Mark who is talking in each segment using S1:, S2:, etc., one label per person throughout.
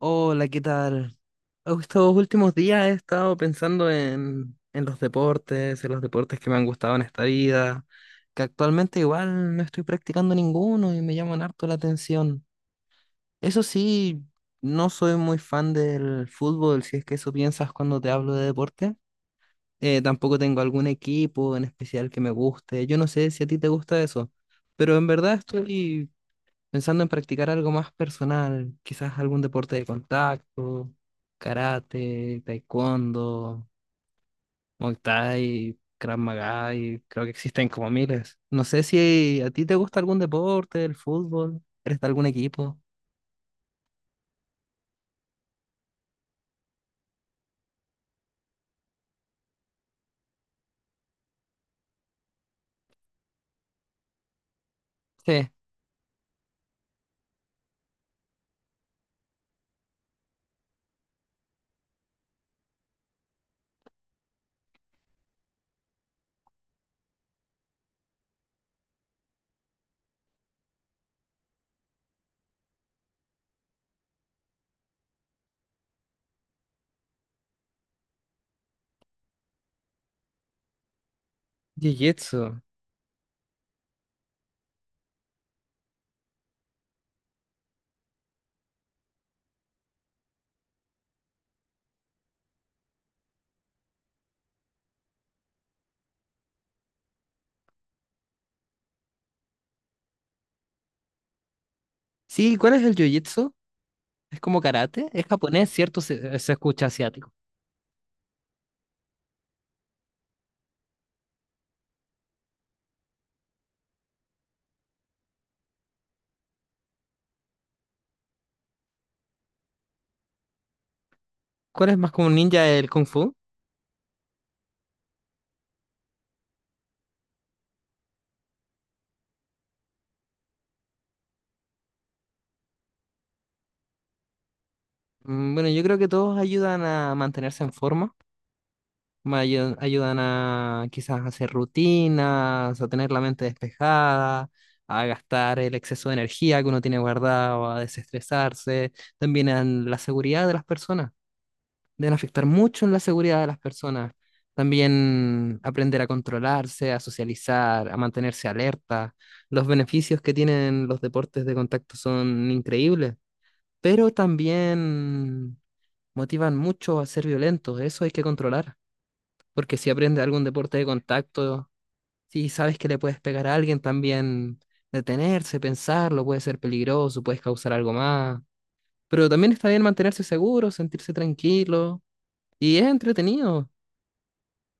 S1: Hola, ¿qué tal? Estos últimos días he estado pensando en los deportes, en los deportes que me han gustado en esta vida, que actualmente igual no estoy practicando ninguno y me llaman harto la atención. Eso sí, no soy muy fan del fútbol, si es que eso piensas cuando te hablo de deporte. Tampoco tengo algún equipo en especial que me guste. Yo no sé si a ti te gusta eso, pero en verdad estoy pensando en practicar algo más personal, quizás algún deporte de contacto, karate, taekwondo, muay thai, krav maga, y creo que existen como miles. No sé si a ti te gusta algún deporte, el fútbol, eres de algún equipo. Sí, jiu-jitsu. Sí, ¿cuál es el jiu-jitsu? ¿Es como karate? Es japonés, ¿cierto? Se escucha asiático. ¿Cuál es más como un ninja el kung fu? Mm, bueno, yo creo que todos ayudan a mantenerse en forma. Ayudan a quizás hacer rutinas, a tener la mente despejada, a gastar el exceso de energía que uno tiene guardado, a desestresarse. También en la seguridad de las personas, deben afectar mucho en la seguridad de las personas. También aprender a controlarse, a socializar, a mantenerse alerta. Los beneficios que tienen los deportes de contacto son increíbles, pero también motivan mucho a ser violentos. Eso hay que controlar porque si aprendes algún deporte de contacto, si sabes que le puedes pegar a alguien, también detenerse, pensarlo, puede ser peligroso, puedes causar algo más. Pero también está bien mantenerse seguro, sentirse tranquilo. Y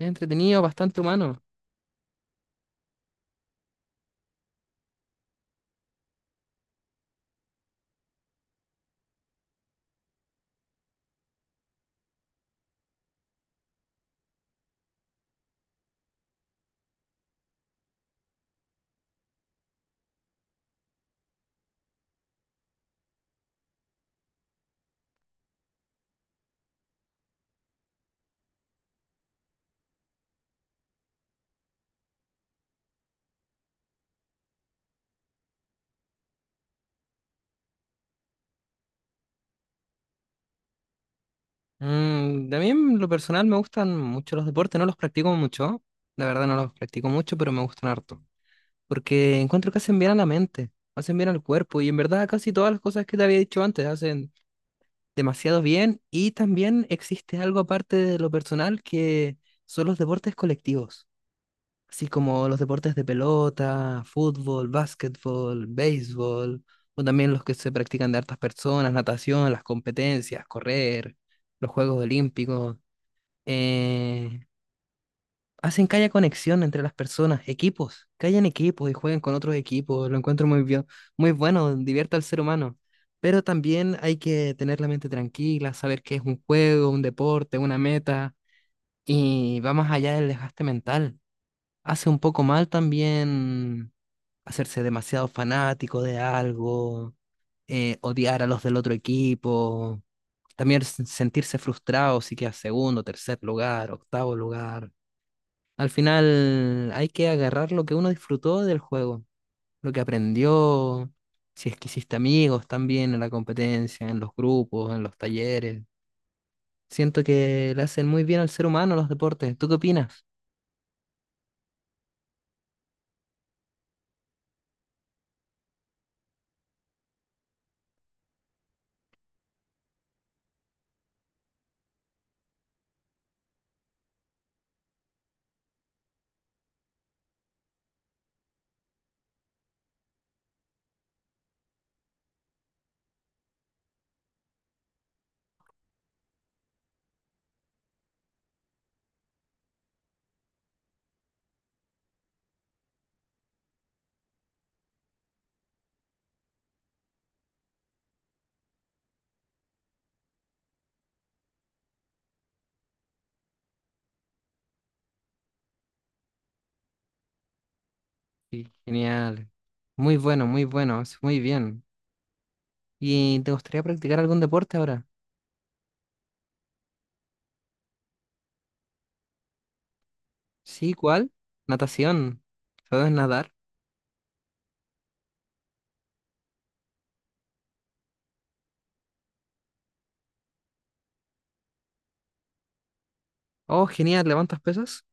S1: es entretenido, bastante humano. Mm, también lo personal me gustan mucho los deportes, no los practico mucho, la verdad no los practico mucho, pero me gustan harto. Porque encuentro que hacen bien a la mente, hacen bien al cuerpo y en verdad casi todas las cosas que te había dicho antes hacen demasiado bien y también existe algo aparte de lo personal que son los deportes colectivos, así como los deportes de pelota, fútbol, básquetbol, béisbol, o también los que se practican de hartas personas, natación, las competencias, correr, los Juegos Olímpicos. Eh, Hacen que haya conexión entre las personas, equipos, que hayan equipos y jueguen con otros equipos, lo encuentro muy bien, muy bueno, divierte al ser humano. Pero también hay que tener la mente tranquila, saber que es un juego, un deporte, una meta, y va más allá del desgaste mental. Hace un poco mal también hacerse demasiado fanático de algo, odiar a los del otro equipo, también sentirse frustrado si quedas segundo, tercer lugar, octavo lugar. Al final hay que agarrar lo que uno disfrutó del juego, lo que aprendió, si es que hiciste amigos también en la competencia, en los grupos, en los talleres. Siento que le hacen muy bien al ser humano los deportes. ¿Tú qué opinas? Sí, genial. Muy bueno, muy bueno, es muy bien. ¿Y te gustaría practicar algún deporte ahora? Sí, ¿cuál? Natación. ¿Sabes nadar? Oh, genial, ¿levantas pesas?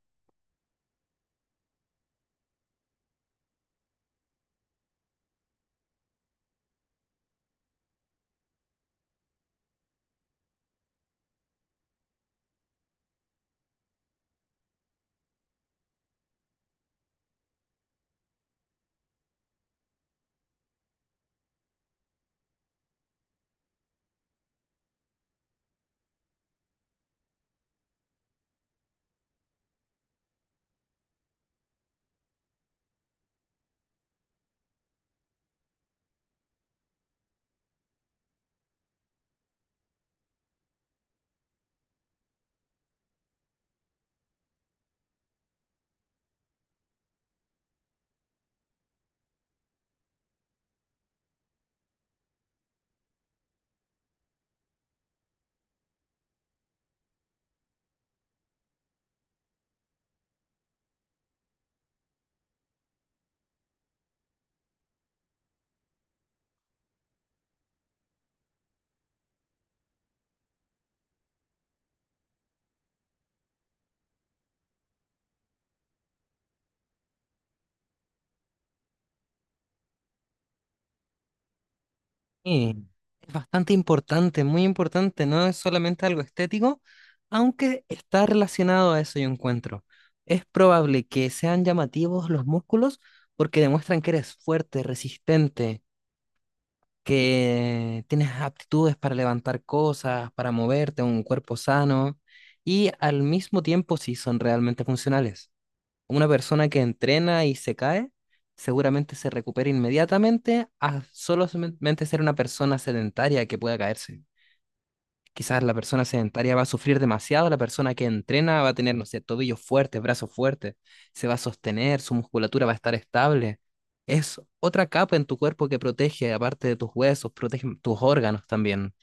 S1: Sí, es bastante importante, muy importante, no es solamente algo estético, aunque está relacionado a eso yo encuentro. Es probable que sean llamativos los músculos porque demuestran que eres fuerte, resistente, que tienes aptitudes para levantar cosas, para moverte, un cuerpo sano y al mismo tiempo si son realmente funcionales. Una persona que entrena y se cae, seguramente se recupera inmediatamente a solamente ser una persona sedentaria que pueda caerse. Quizás la persona sedentaria va a sufrir demasiado, la persona que entrena va a tener, no sé, tobillos fuertes, brazos fuertes, se va a sostener, su musculatura va a estar estable. Es otra capa en tu cuerpo que protege, aparte de tus huesos, protege tus órganos también.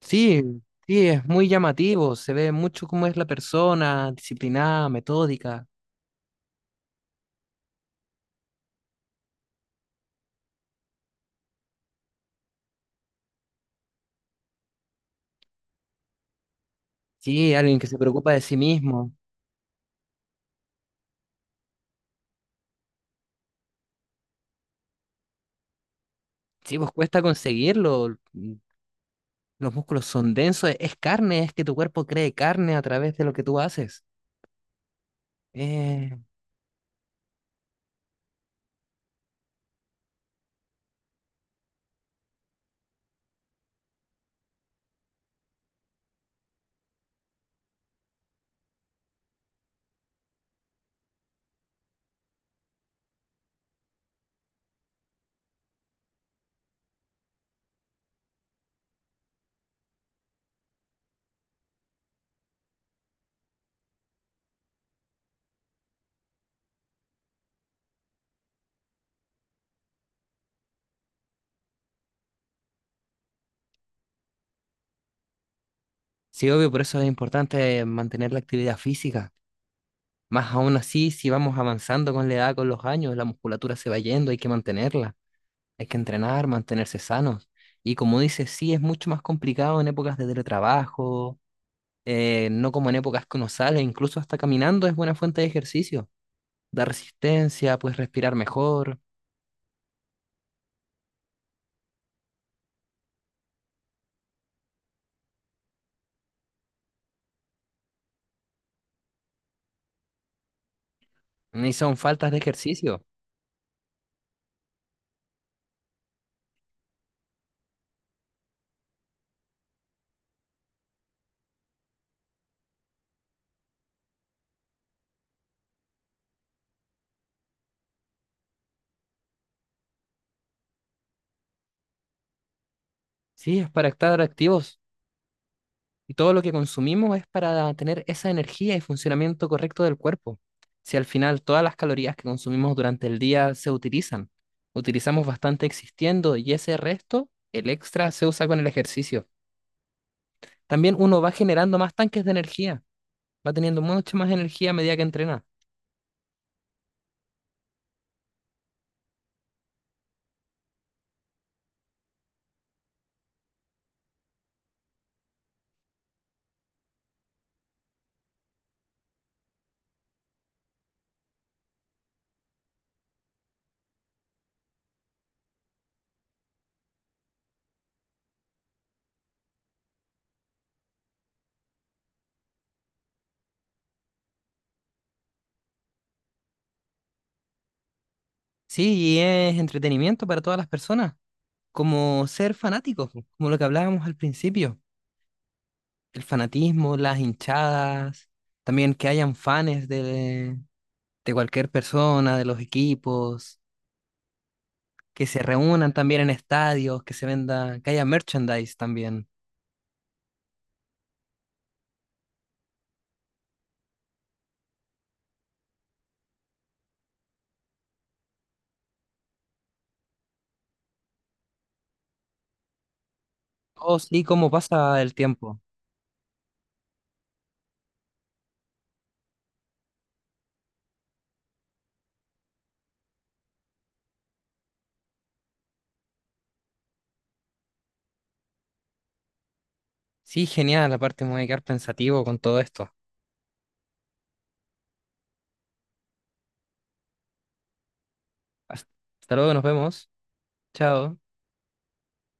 S1: Sí, sí, es muy llamativo, se ve mucho cómo es la persona, disciplinada, metódica. Sí, alguien que se preocupa de sí mismo. Sí, pues cuesta conseguirlo. Mm, los músculos son densos, es carne, es que tu cuerpo cree carne a través de lo que tú haces. Eh, sí, obvio, por eso es importante mantener la actividad física. Más aún así, si vamos avanzando con la edad, con los años, la musculatura se va yendo, hay que mantenerla. Hay que entrenar, mantenerse sanos. Y como dices, sí, es mucho más complicado en épocas de teletrabajo, no como en épocas que uno sale, incluso hasta caminando es buena fuente de ejercicio. Da resistencia, puedes respirar mejor. Ni son faltas de ejercicio. Sí, es para estar activos. Y todo lo que consumimos es para tener esa energía y funcionamiento correcto del cuerpo. Si al final todas las calorías que consumimos durante el día se utilizan, utilizamos bastante existiendo y ese resto, el extra, se usa con el ejercicio. También uno va generando más tanques de energía, va teniendo mucha más energía a medida que entrena. Sí, y es entretenimiento para todas las personas, como ser fanáticos, como lo que hablábamos al principio. El fanatismo, las hinchadas, también que hayan fans de cualquier persona, de los equipos, que se reúnan también en estadios, que se venda, que haya merchandise también. Oh, sí, cómo pasa el tiempo. Sí, genial, aparte me voy a quedar pensativo con todo esto. Hasta Hasta luego, nos vemos. Chao.